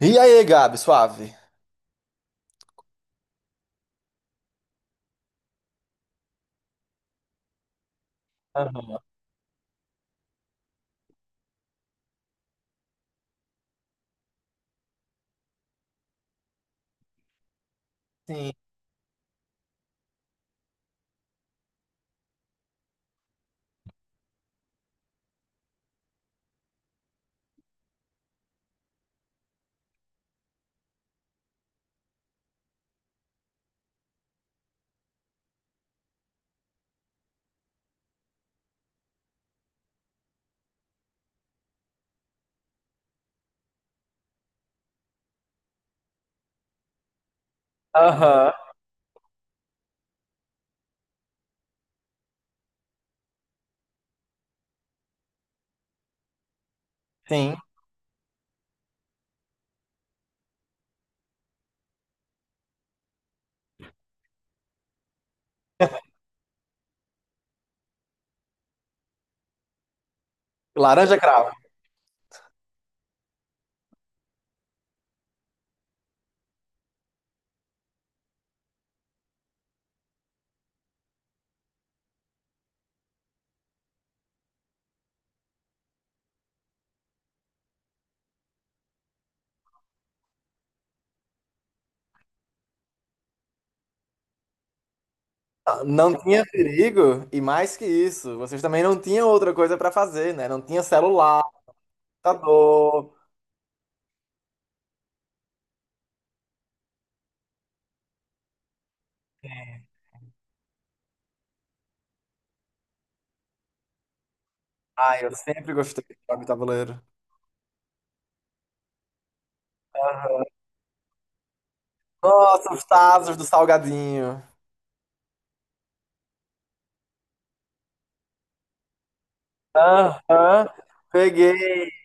E aí, Gabi, suave? Aham. Sim. Aham. Sim. Laranja cravo. Não tinha perigo, e mais que isso, vocês também não tinham outra coisa pra fazer, né? Não tinha celular, computador. Ai, eu sempre gostei de jogar de tabuleiro. Nossa, os Tazos do Salgueiro. Aham. Peguei.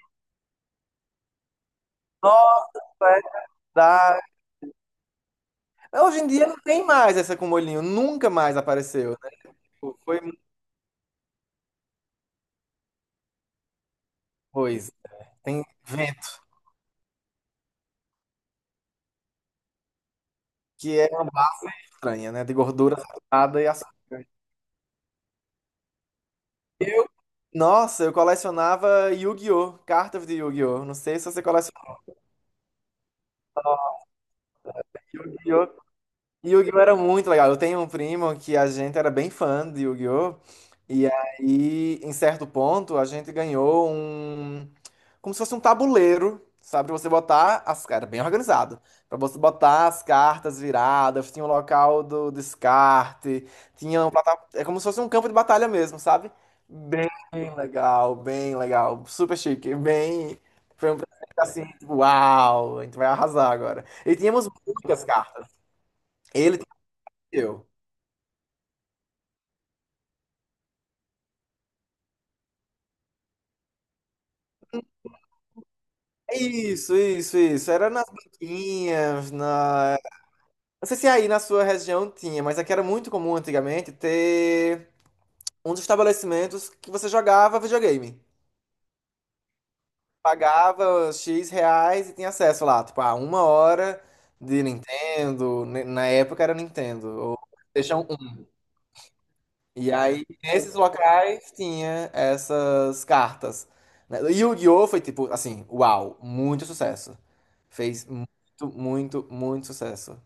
Nossa, é verdade. Hoje em dia não tem mais essa com molhinho, nunca mais apareceu, né? Tipo, foi muita coisa. Tem vento, que é uma barra estranha, né? De gordura saturada e açúcar. Nossa, eu colecionava Yu-Gi-Oh! Cartas de Yu-Gi-Oh! Não sei se você colecionava Yu-Gi-Oh! Yu-Gi-Oh! Era muito legal. Eu tenho um primo que a gente era bem fã de Yu-Gi-Oh! E aí, em certo ponto, a gente ganhou um. Como se fosse um tabuleiro, sabe? Pra você botar as. Era bem organizado. Pra você botar as cartas viradas, tinha o local do descarte, tinha. É como se fosse um campo de batalha mesmo, sabe? Bem legal, bem legal. Super chique, bem. Foi um presente assim, tipo, uau, a gente vai arrasar agora. E tínhamos muitas cartas. Ele eu. Isso, isso, isso. Era nas banquinhas, na. Não sei se aí na sua região tinha, mas aqui era muito comum antigamente ter uns estabelecimentos que você jogava videogame. Pagava X reais e tinha acesso lá, tipo, a uma hora de Nintendo. Na época era Nintendo, ou PlayStation 1. E aí, nesses locais, tinha essas cartas, né? E o Yu-Gi-Oh! Foi tipo, assim, uau, muito sucesso. Fez muito, muito, muito sucesso.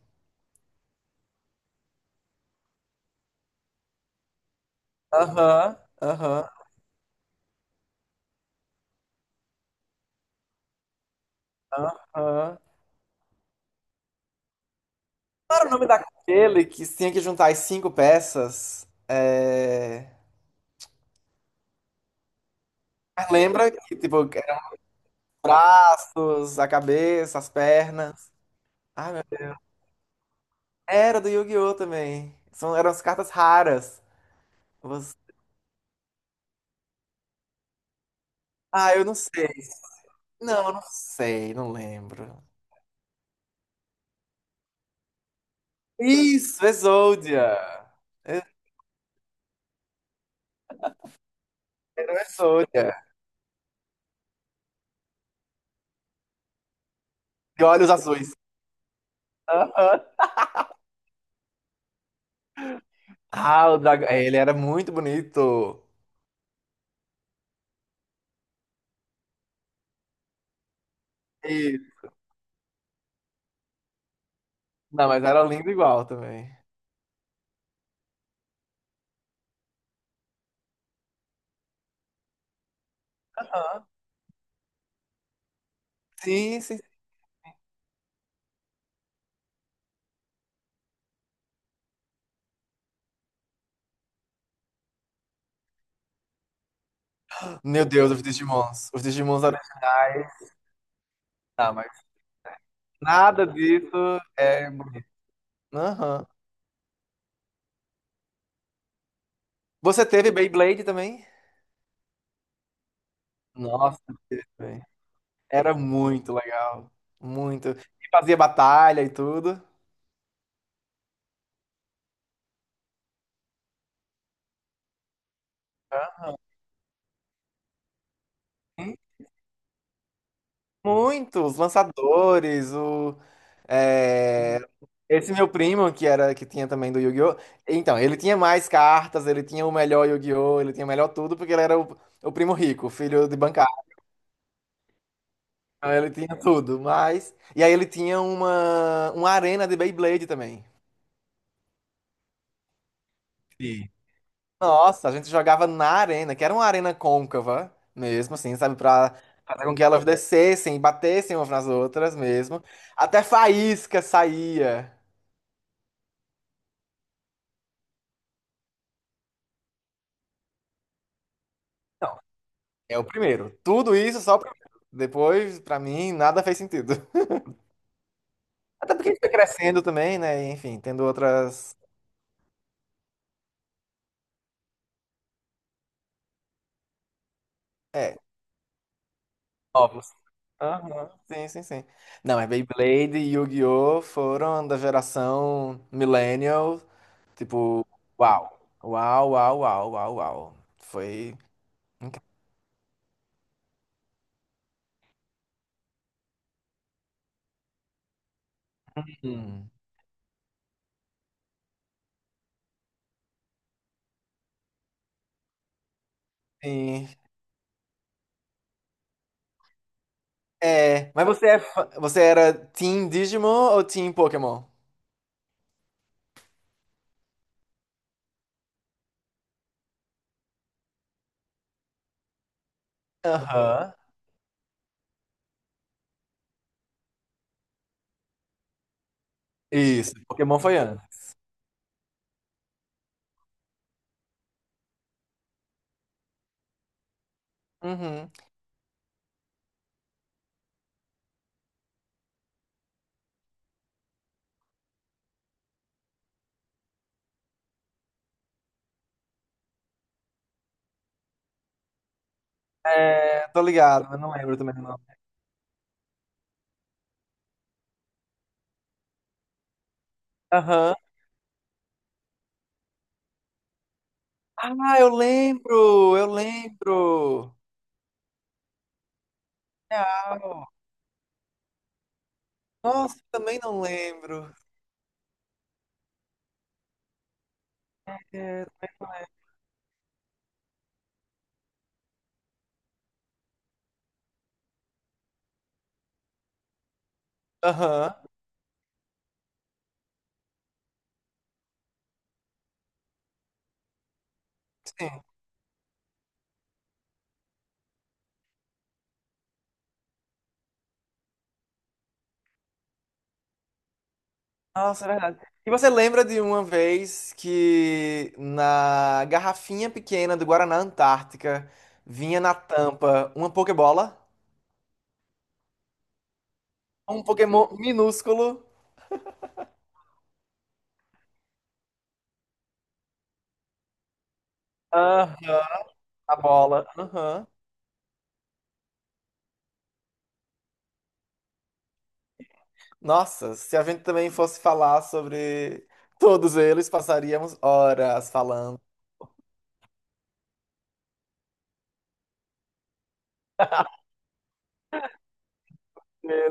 Aham, aham, aham. Qual era o nome daquele que tinha que juntar as cinco peças? É... Mas lembra que, tipo, eram os braços, a cabeça, as pernas. Ah, meu Deus. Era do Yu-Gi-Oh! Também. São, eram as cartas raras. Você- Ah, eu não sei. Não, eu não sei, não lembro. Isso, Exodia. Era o Exodia. De olhos azuis. Aham. Ah, o dragão. Ele era muito bonito. Não, mas era lindo igual também. Aham. Sim, sim. Meu Deus, os Digimons. Os Digimons originais. Não, mas nada disso é. Aham. Você teve Beyblade também? Nossa, teve também. Era muito legal. Muito. E fazia batalha e tudo. Hã? Muitos lançadores, o. É, esse meu primo, que era que tinha também do Yu-Gi-Oh! Então, ele tinha mais cartas, ele tinha o melhor Yu-Gi-Oh! Ele tinha o melhor tudo, porque ele era o primo rico, filho de bancário. Então, ele tinha tudo, mas. E aí ele tinha uma arena de Beyblade também. Sim. Nossa, a gente jogava na arena, que era uma arena côncava mesmo, assim, sabe? Pra fazer com que elas descessem e batessem umas nas outras mesmo. Até faísca saía. É o primeiro. Tudo isso só o primeiro. Depois, pra mim, nada fez sentido. Até porque a gente foi crescendo também, né? E, enfim, tendo outras. É, novos. Aham, sim, sim, sim. Não, mas Beyblade e Yu-Gi-Oh! Foram da geração Millennial. Tipo, uau. Uau, uau, uau, uau, uau. Foi incrível. Hum. Sim. É. Mas você é fã- você era Team Digimon ou Team Pokémon? Aham. Isso, Pokémon foi antes. Uhum. É, tô ligado, mas não lembro também não nome. Aham. Ah, eu lembro, eu lembro. Real. Nossa, também não lembro. É, aham, sim. Nossa, é verdade. E você lembra de uma vez que na garrafinha pequena do Guaraná Antártica vinha na tampa uma Pokébola? Um Pokémon minúsculo? Aham, a bola. Aham. Nossa, se a gente também fosse falar sobre todos eles, passaríamos horas falando.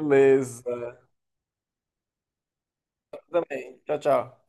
Beleza. Também. Tchau, tchau.